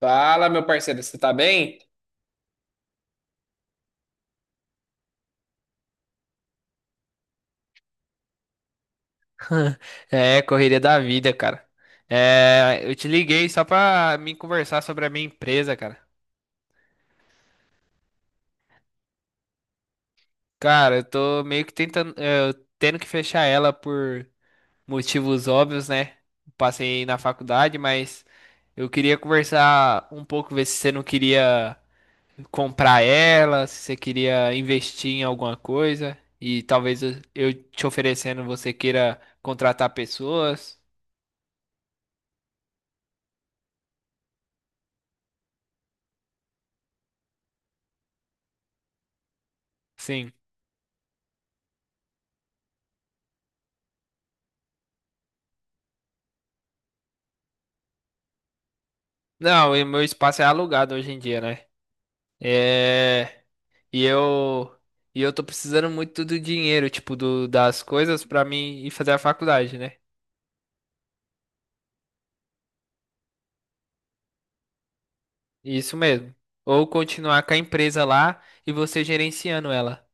Fala, meu parceiro, você tá bem? É, correria da vida, cara. É, eu te liguei só pra me conversar sobre a minha empresa, cara. Cara, eu tô meio que tentando, eu tendo que fechar ela por motivos óbvios, né? Passei na faculdade, mas eu queria conversar um pouco, ver se você não queria comprar ela, se você queria investir em alguma coisa e talvez eu te oferecendo, você queira contratar pessoas. Sim. Não, e meu espaço é alugado hoje em dia, né? É, e eu e eu tô precisando muito do dinheiro, tipo, das coisas pra mim ir fazer a faculdade, né? Isso mesmo. Ou continuar com a empresa lá e você gerenciando ela.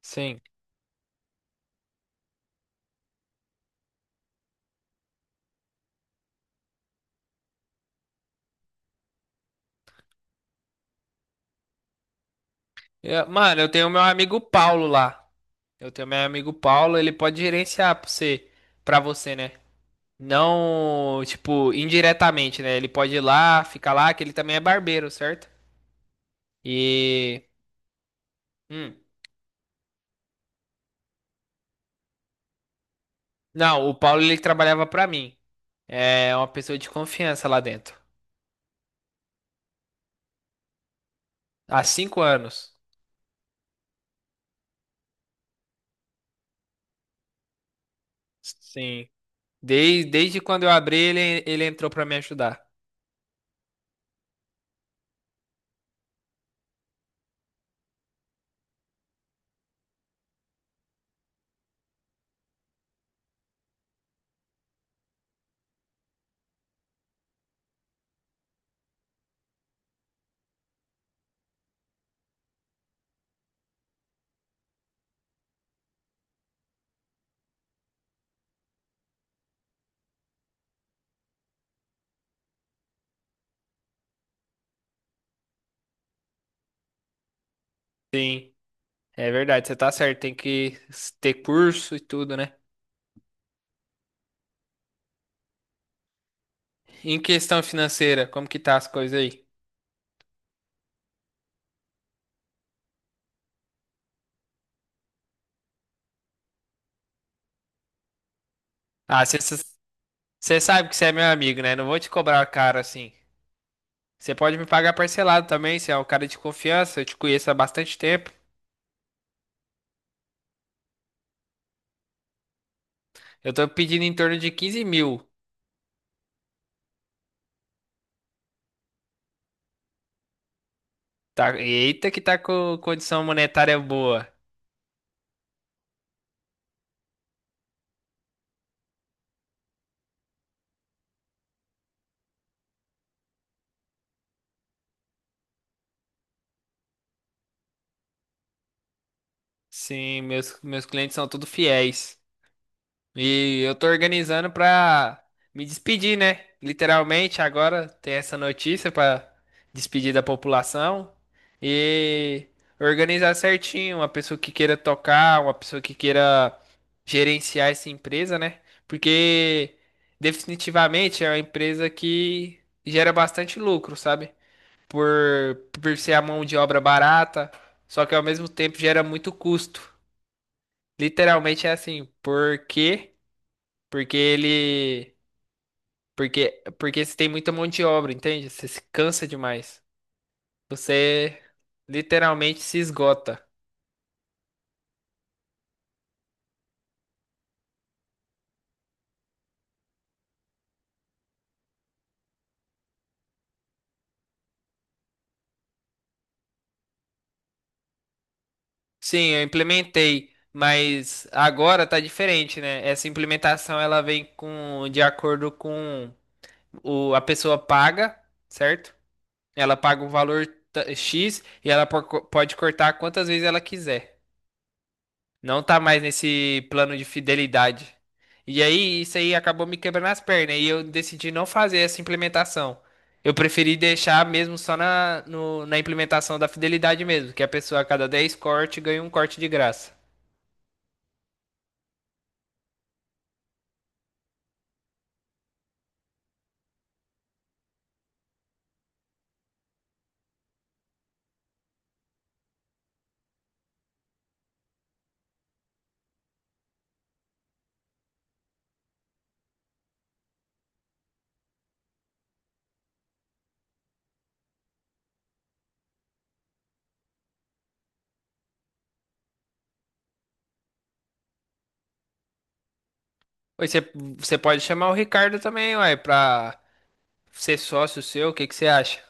Sim. Mano, eu tenho meu amigo Paulo lá. Eu tenho meu amigo Paulo, ele pode gerenciar pra você, né? Não, tipo, indiretamente, né? Ele pode ir lá, ficar lá, que ele também é barbeiro, certo? E hum. Não, o Paulo ele trabalhava pra mim. É uma pessoa de confiança lá dentro. Há 5 anos. Sim. Desde quando eu abri, ele entrou pra me ajudar. Sim, é verdade, você tá certo. Tem que ter curso e tudo, né? Em questão financeira, como que tá as coisas aí? Ah, você sabe que você é meu amigo, né? Não vou te cobrar caro assim. Você pode me pagar parcelado também, você é um cara de confiança, eu te conheço há bastante tempo. Eu tô pedindo em torno de 15 mil. Tá, eita que tá com condição monetária boa. Sim, meus clientes são tudo fiéis. E eu tô organizando pra me despedir, né? Literalmente, agora tem essa notícia pra despedir da população e organizar certinho, uma pessoa que queira tocar, uma pessoa que queira gerenciar essa empresa, né? Porque definitivamente é uma empresa que gera bastante lucro, sabe? Por ser a mão de obra barata, só que ao mesmo tempo gera muito custo. Literalmente é assim, por quê? Porque ele. Porque você tem muita mão de obra, entende? Você se cansa demais. Você literalmente se esgota. Sim, eu implementei, mas agora tá diferente, né? Essa implementação ela vem com de acordo com a pessoa paga, certo? Ela paga o valor X e ela pode cortar quantas vezes ela quiser. Não tá mais nesse plano de fidelidade. E aí, isso aí acabou me quebrando as pernas e eu decidi não fazer essa implementação. Eu preferi deixar mesmo só na, no- na implementação da fidelidade mesmo, que a pessoa a cada 10 cortes ganha um corte de graça. Oi, você você pode chamar o Ricardo também, uai, pra ser sócio seu, o que que você acha?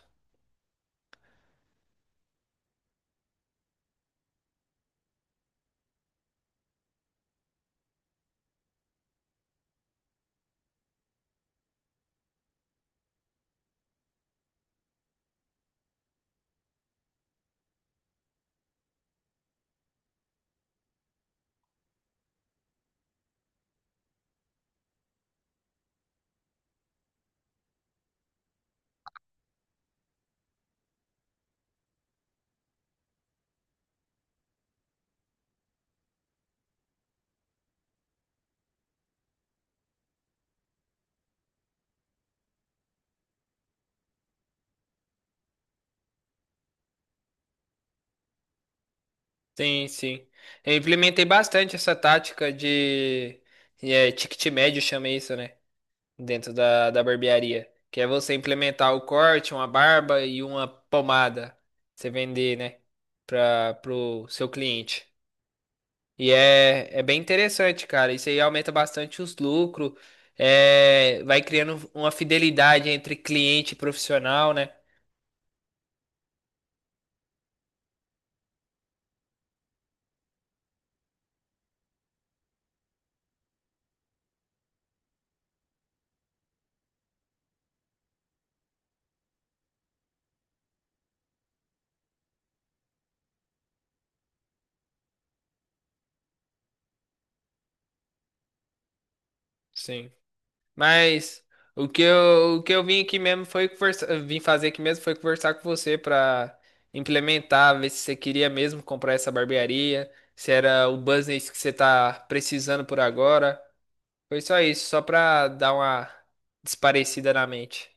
Sim, sim. Eu implementei bastante essa tática de ticket médio, chama isso, né? Dentro da barbearia. Que é você implementar o corte, uma barba e uma pomada. Você vender, né? Para pro seu cliente. E é bem interessante, cara. Isso aí aumenta bastante os lucros. É, vai criando uma fidelidade entre cliente e profissional, né? Sim. Mas o que eu vim aqui mesmo foi vim fazer aqui mesmo foi conversar com você pra implementar, ver se você queria mesmo comprar essa barbearia, se era o business que você tá precisando por agora. Foi só isso, só pra dar uma desparecida na mente.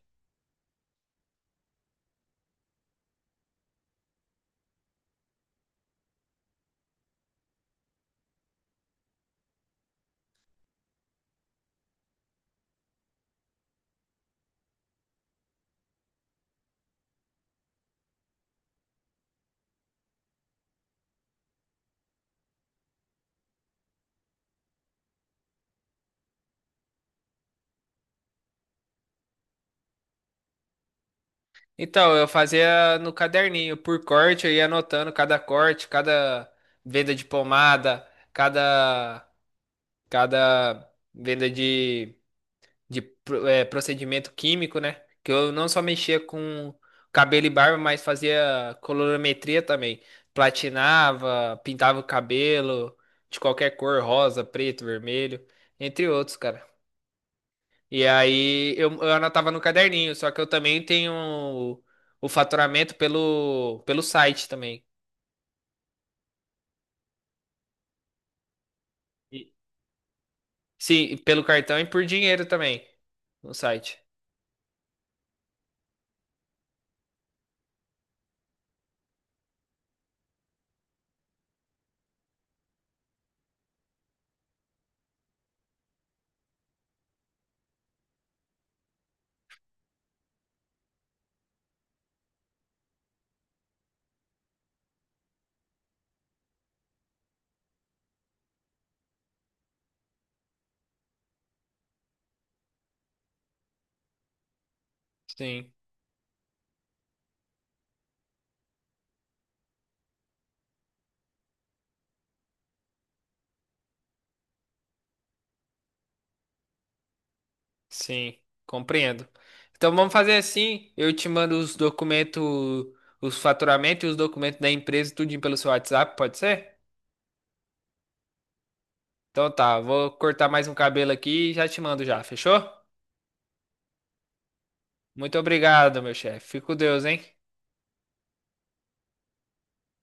Então, eu fazia no caderninho, por corte, eu ia anotando cada corte, cada venda de pomada, cada cada venda de procedimento químico, né? Que eu não só mexia com cabelo e barba, mas fazia colorimetria também. Platinava, pintava o cabelo de qualquer cor, rosa, preto, vermelho, entre outros, cara. E aí eu anotava no caderninho, só que eu também tenho o faturamento pelo, pelo site também. E- sim, e pelo cartão e por dinheiro também no site. Sim. Sim, compreendo. Então vamos fazer assim, eu te mando os documentos, os faturamentos e os documentos da empresa, tudinho pelo seu WhatsApp, pode ser? Então tá, vou cortar mais um cabelo aqui e já te mando já, fechou? Muito obrigado, meu chefe. Fico com Deus, hein?